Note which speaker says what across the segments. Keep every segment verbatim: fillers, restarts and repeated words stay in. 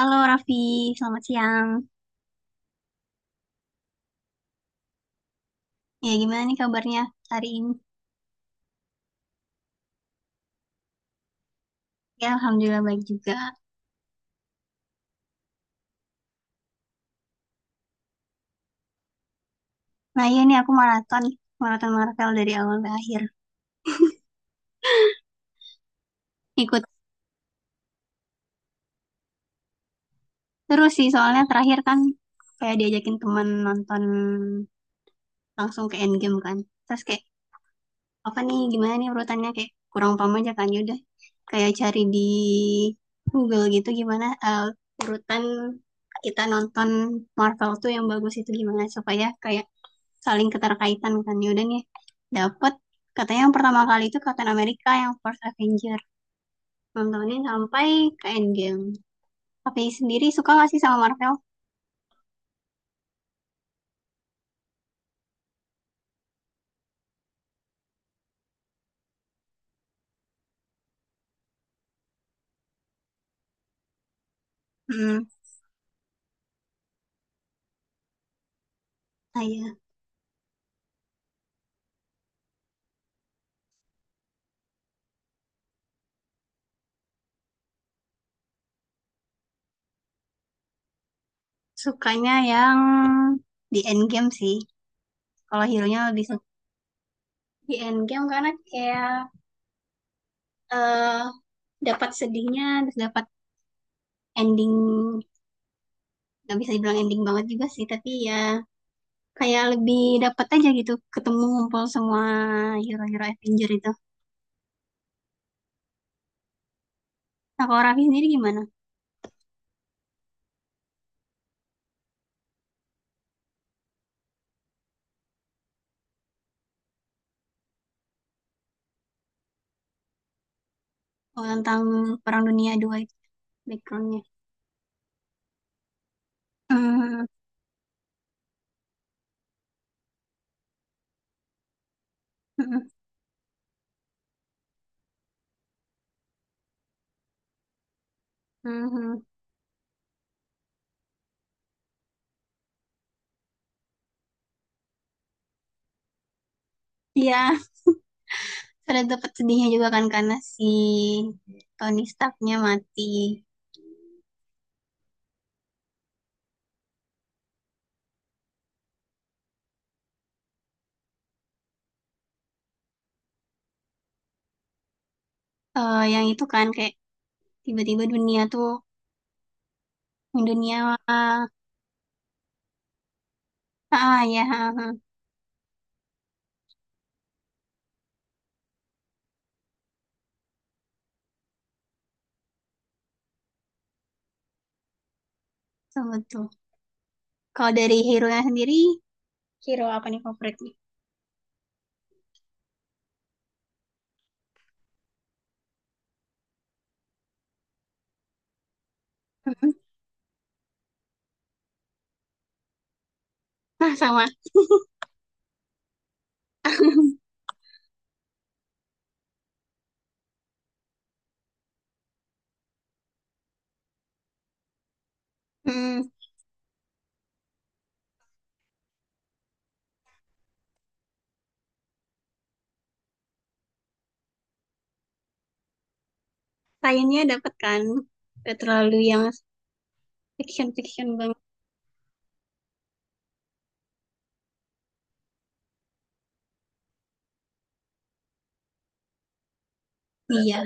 Speaker 1: Halo Raffi, selamat siang. Ya gimana nih kabarnya hari ini? Ya Alhamdulillah baik juga. Nah iya nih aku maraton, maraton Marvel dari awal ke akhir. Ikut terus sih soalnya terakhir kan kayak diajakin temen nonton langsung ke Endgame kan. Terus kayak apa nih gimana nih urutannya kayak kurang paham aja kan yaudah. Kayak cari di Google gitu gimana eh, urutan kita nonton Marvel tuh yang bagus itu gimana supaya kayak saling keterkaitan kan. Yaudah nih dapet katanya yang pertama kali itu Captain America yang First Avenger, nontonin sampai ke Endgame. Tapi sendiri suka gak sih sama Marvel? Hmm, saya sukanya yang di Endgame sih, kalau hero-nya lebih suka di Endgame karena kayak eh dapat sedihnya, terus dapat ending. Nggak bisa dibilang ending banget juga sih, tapi ya kayak lebih dapat aja gitu, ketemu ngumpul semua hero-hero Avenger itu. Nah kalau Raffi sendiri gimana? Oh, tentang Perang Dunia Dua itu backgroundnya. Hmm, hmm, hmm, hmm. Iya, ada dapat sedihnya juga kan karena si Tony Starknya mati. Eh, yang itu kan kayak tiba-tiba dunia tuh dunia. Ah, ah ya ah, ah. Betul, betul. Kalau dari hero-nya sendiri, hero apa nih favoritnya? Nah, sama. Hmm, Lainnya dapat kan. Nggak terlalu yang fiction-fiction banget. Iya,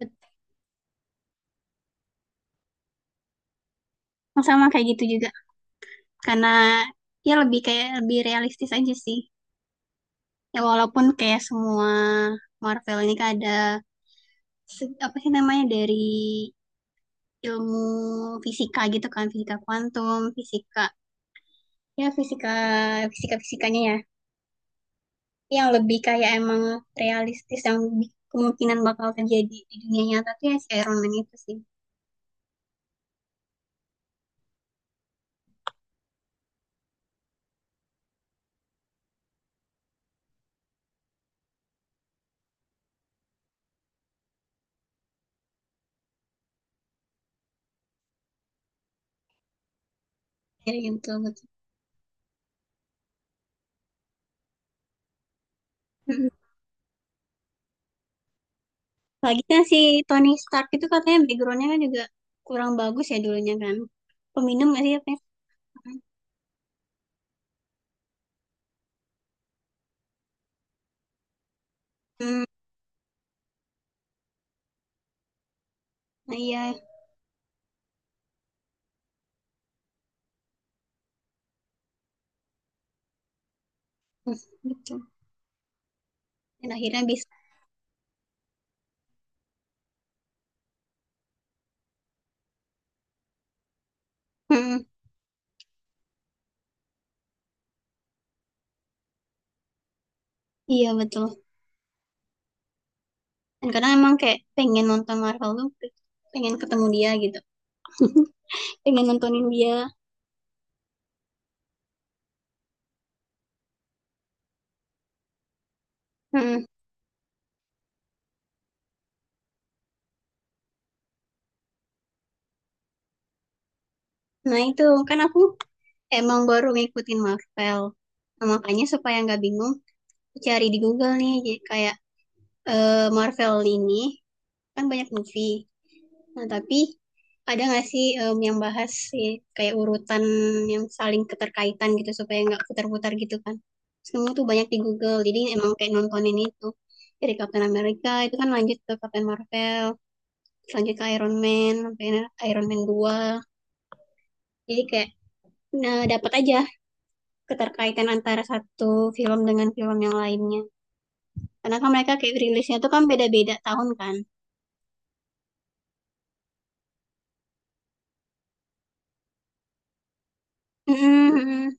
Speaker 1: betul. Sama kayak gitu juga. Karena ya lebih kayak lebih realistis aja sih, ya walaupun kayak semua Marvel ini kan ada se- apa sih namanya dari ilmu fisika gitu kan, fisika kuantum, fisika ya, fisika fisika fisikanya ya, yang lebih kayak emang realistis yang bi- kemungkinan bakal terjadi di dunia nyata tuh ya si Iron Man itu sih. Jadi yang betul betul lagi kan si Tony Stark itu katanya backgroundnya kan juga kurang bagus ya, dulunya kan peminum gak sih apa ya? Hmm, nah, iya, hmm, betul. Dan akhirnya bisa. Hmm, iya, betul. Dan kadang emang kayak pengen nonton Marvel tuh, pengen ketemu dia gitu. Pengen nontonin dia. Hmm. Nah, itu kan aku emang baru ngikutin Marvel. Nah, makanya supaya nggak bingung, cari di Google nih. Jadi kayak eh, Marvel ini kan banyak movie. Nah, tapi ada nggak sih, em, yang bahas sih kayak urutan yang saling keterkaitan gitu supaya nggak putar-putar gitu kan? Semua tuh banyak di Google, jadi emang kayak nontonin itu. Dari Captain America itu kan lanjut ke Captain Marvel, lanjut ke Iron Man, sampai Iron Man dua. Jadi kayak nah, dapat aja keterkaitan antara satu film dengan film yang lainnya. Karena kan mereka kayak rilisnya tuh kan beda-beda tahun kan. Mm-mm, mm-mm.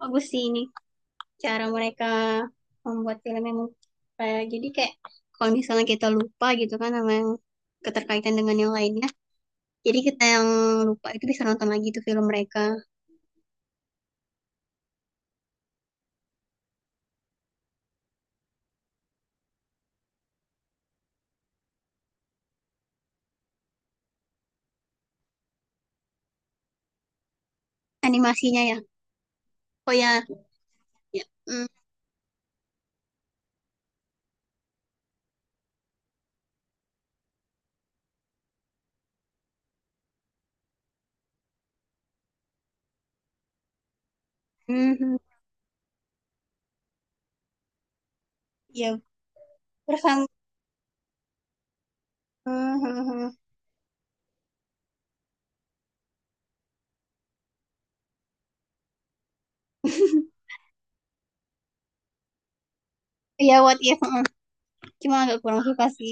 Speaker 1: Bagus sih ini, cara mereka membuat filmnya, kayak jadi kayak kalau misalnya kita lupa gitu kan sama yang keterkaitan dengan yang lainnya, jadi kita yang lupa itu bisa nonton lagi tuh film mereka. Animasinya ya, oh ya, ya, mm, mhm. Ya terus yang- mhm. Ya, what if, mhm. Cuma agak kurang suka sih.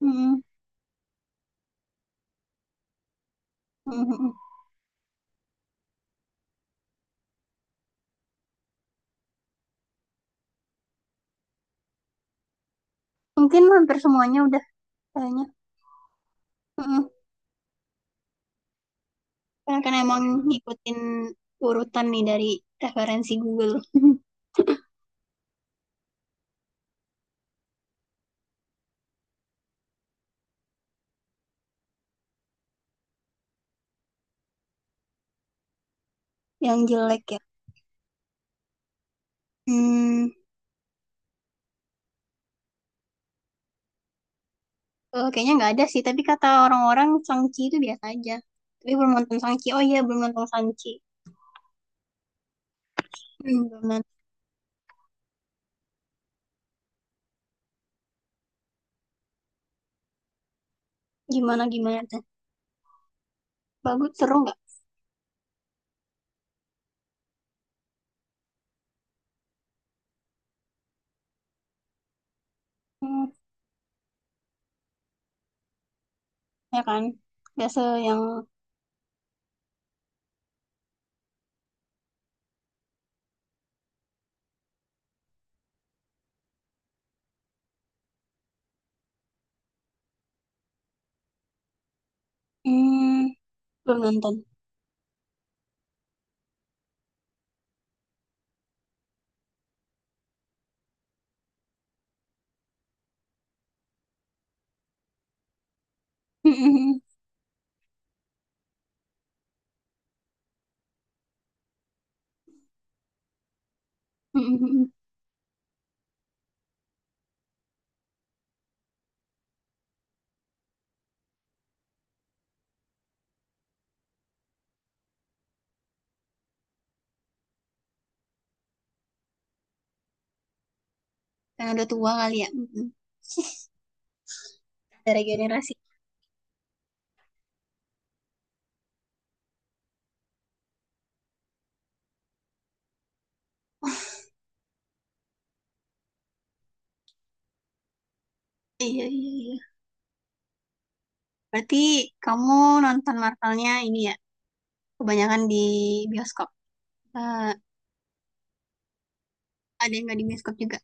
Speaker 1: Mhm, mhm. Mungkin hampir semuanya udah, kayaknya. Mhm. Karena kan emang ngikutin urutan nih dari referensi Google. Yang jelek ya? Hmm, eh, Kayaknya nggak ada sih, tapi kata orang-orang Shang-Chi itu biasa aja. Tapi belum nonton Shang-Chi. Oh iya, belum nonton Shang-Chi. Hmm, belum nonton. Gimana gimana tuh? Bagus, seru nggak? Hmm, ya kan? Biasa yang hmm, belum nonton. Karena udah tua kali ya. Mm-mm. Dari generasi. Iya, iya, iya. Berarti kamu nonton Marvelnya ini ya, kebanyakan di bioskop. Eh, ada yang nggak di bioskop juga?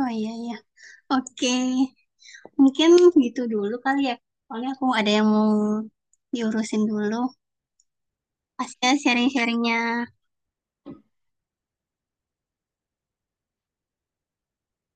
Speaker 1: Oh iya, iya. Oke. Mungkin gitu dulu kali ya. Soalnya aku ada yang mau diurusin dulu. Pastinya sharing-sharingnya.